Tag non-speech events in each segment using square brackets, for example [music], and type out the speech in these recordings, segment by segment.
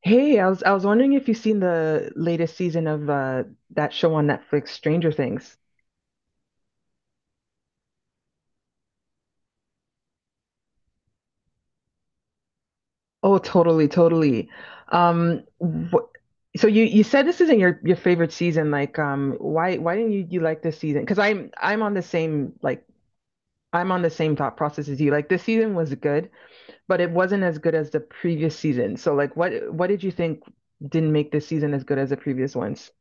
Hey, I was wondering if you've seen the latest season of that show on Netflix, Stranger Things. Oh, totally, totally. Wh So you said this isn't your favorite season. Like, why didn't you like this season? Because I'm on the same like I'm on the same thought process as you. Like, this season was good, but it wasn't as good as the previous season. So, like, what did you think didn't make this season as good as the previous ones?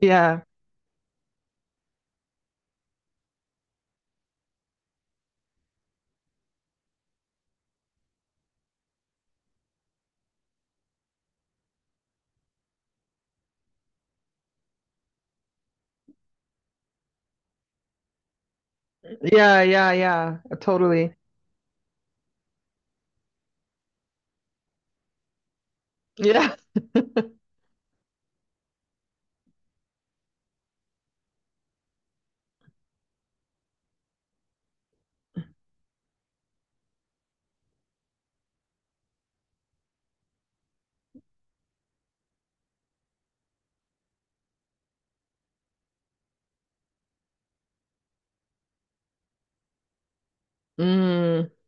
Yeah, yeah, yeah, yeah, totally. Yeah. [laughs]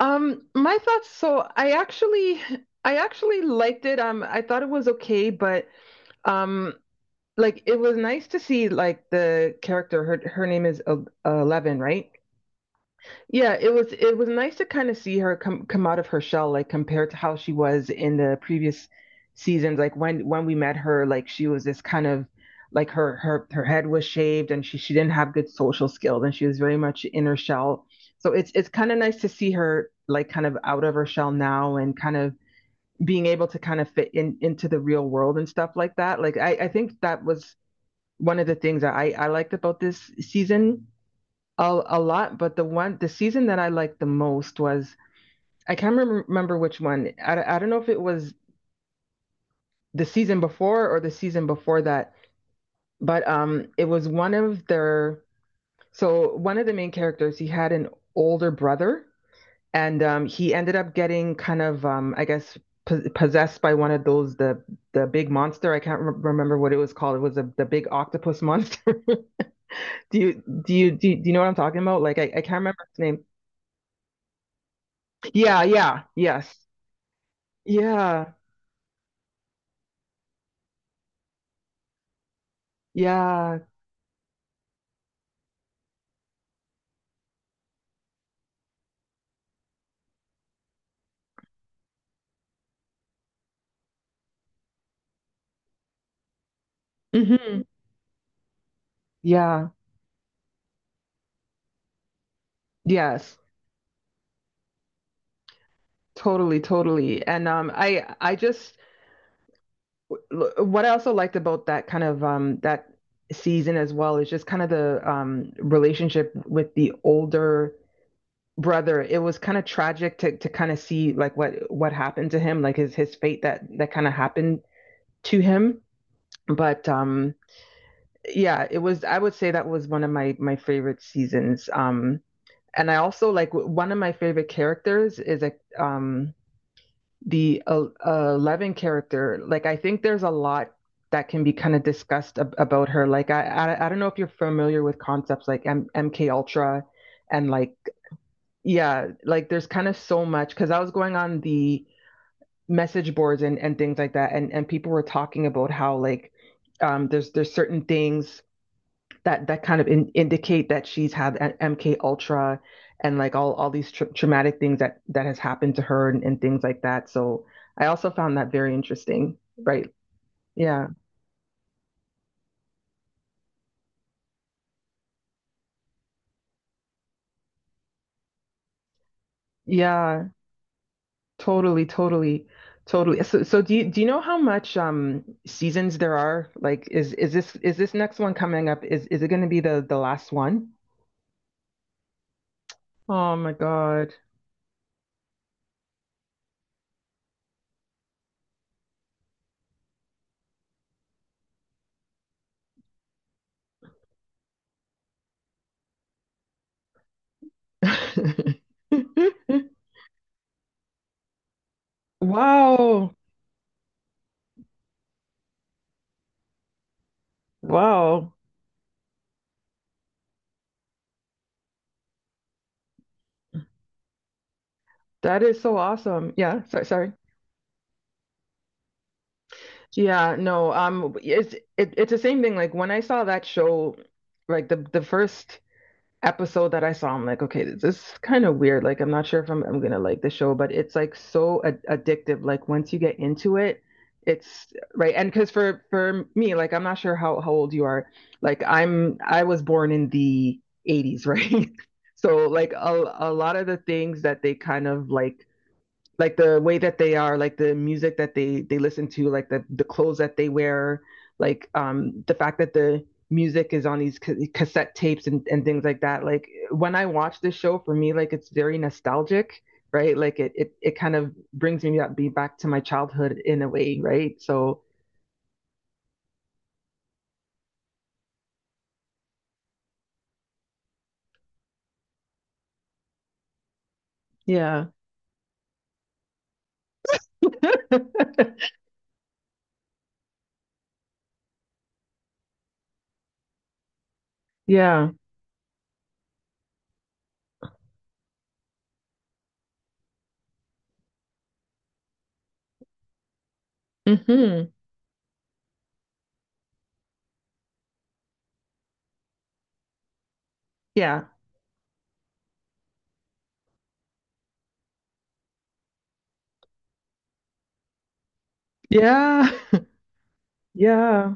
My thoughts, I actually liked it. I thought it was okay, but um like it was nice to see like the character her name is Eleven, right? Yeah, it was nice to kind of see her come out of her shell, like compared to how she was in the previous seasons. Like when we met her, like she was this kind of like her head was shaved and she didn't have good social skills and she was very much in her shell. So it's kind of nice to see her like kind of out of her shell now and kind of being able to kind of fit in into the real world and stuff like that. Like I think that was one of the things that I liked about this season a lot, but the season that I liked the most was I can't remember which one. I don't know if it was the season before or the season before that, but it was one of their so one of the main characters he had an older brother and he ended up getting kind of I guess possessed by one of those the big monster. I can't remember what it was called. It was the big octopus monster. [laughs] Do you know what I'm talking about? Like I can't remember its name. Yeah, yeah, yes. Yeah, yeah, hmm yeah, yes, totally, totally. And I just what I also liked about that kind of that season as well is just kind of the relationship with the older brother. It was kind of tragic to kind of see like what happened to him, like his fate that kind of happened to him. But yeah, it was. I would say that was one of my favorite seasons. And I also like one of my favorite characters is a um the Eleven character. Like I think there's a lot that can be kind of discussed about her. Like I don't know if you're familiar with concepts like MK Ultra and like yeah, like there's kind of so much because I was going on the message boards and things like that and people were talking about how like there's certain things that kind of indicate that she's had MK Ultra and like all these traumatic things that that has happened to her and things like that. So I also found that very interesting. Right. Yeah. Yeah. Totally. Totally. Totally. So so do you know how much seasons there are? Like is this next one coming up? Is it going to be the last one? Oh my God. [laughs] Wow. Wow. That is so awesome. Yeah. Sorry. Sorry. Yeah, no, it's the same thing. Like when I saw that show, like the first episode that I saw, I'm like, okay, this is kind of weird. Like I'm not sure if I'm gonna like the show, but it's like so ad addictive. Like once you get into it, it's right. And because for me, like I'm not sure how old you are. Like I was born in the 80s, right? [laughs] So like a lot of the things that they kind of like the way that they are, like the music that they listen to, like the clothes that they wear, like the fact that the music is on these cassette tapes and things like that. Like when I watch this show, for me, like it's very nostalgic, right? Like it kind of brings me up be back to my childhood in a way, right? So yeah, [laughs] yeah, hmm yeah, yeah, yeah.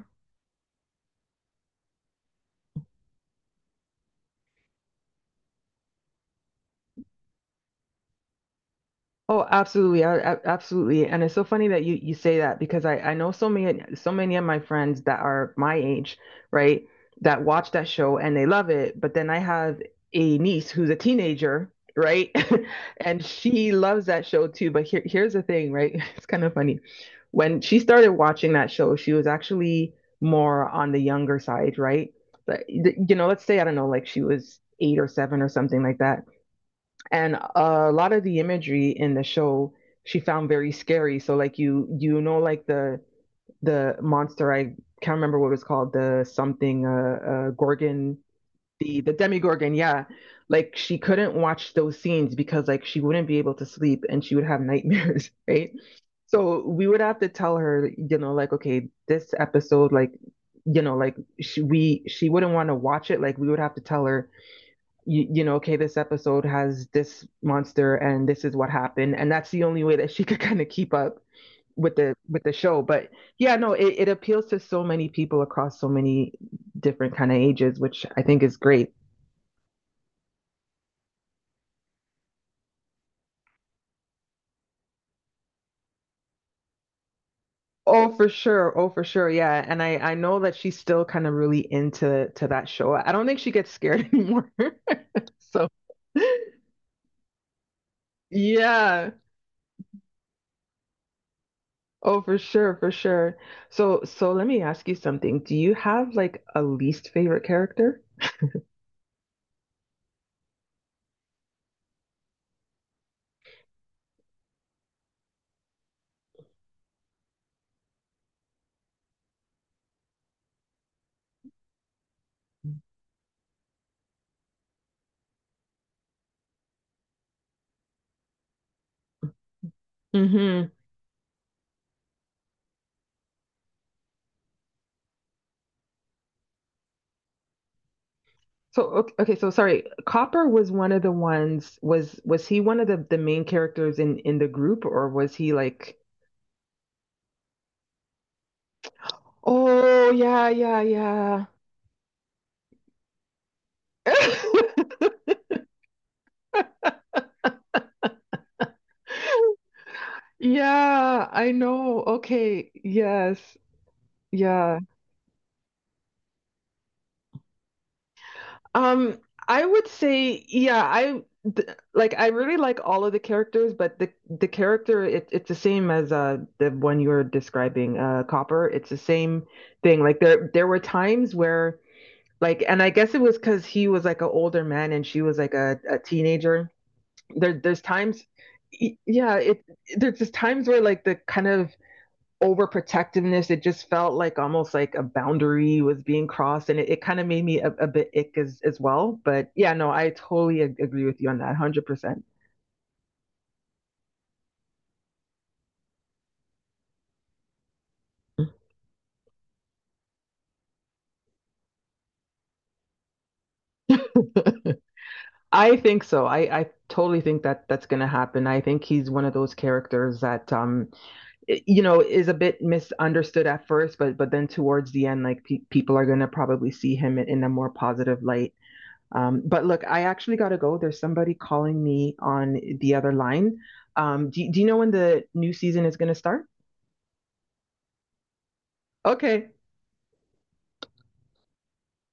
Oh, absolutely. Absolutely. And it's so funny that you say that because I know so many so many of my friends that are my age, right, that watch that show and they love it, but then I have a niece who's a teenager, right? [laughs] And she loves that show too, but here's the thing, right? [laughs] It's kind of funny. When she started watching that show, she was actually more on the younger side, right? But, you know, let's say I don't know, like she was eight or seven or something like that. And a lot of the imagery in the show she found very scary. So like you know like the monster I can't remember what it was called the something gorgon the demigorgon yeah like she couldn't watch those scenes because like she wouldn't be able to sleep and she would have [laughs] nightmares right so we would have to tell her you know like okay this episode like you know like she wouldn't want to watch it like we would have to tell her you know, okay, this episode has this monster and this is what happened. And that's the only way that she [laughs] could kind of keep up with the show. But yeah, no, it appeals to so many people across so many different kind of ages, which I think is great. Oh, for sure. Oh, for sure. Yeah. And I know that she's still kind of really into to that show. I don't think she gets scared [laughs] anymore. So [laughs] yeah. Oh, for sure, for sure. So so let me ask you something. Do you have like a least favorite character? hmm So okay, okay, so sorry. Copper was one of the ones was he one of the main characters in the group or was he like Oh yeah, yeah, yeah. [laughs] Yeah, I know. Okay. Yes. Yeah. Um, I would say, yeah, I th like I really like all of the characters, but the character it's the same as the one you were describing, Copper. It's the same thing. Like there were times where like and I guess it was because he was like an older man and she was like a teenager. There's times yeah, it there's just times where like the kind of overprotectiveness. It just felt like almost like a boundary was being crossed, and it kind of made me a bit ick as well. But yeah, no, I totally agree with you on that, 100%. I think so. I totally think that that's going to happen. I think he's one of those characters that you know is a bit misunderstood at first but then towards the end like people are going to probably see him in a more positive light but look I actually got to go there's somebody calling me on the other line do you know when the new season is going to start okay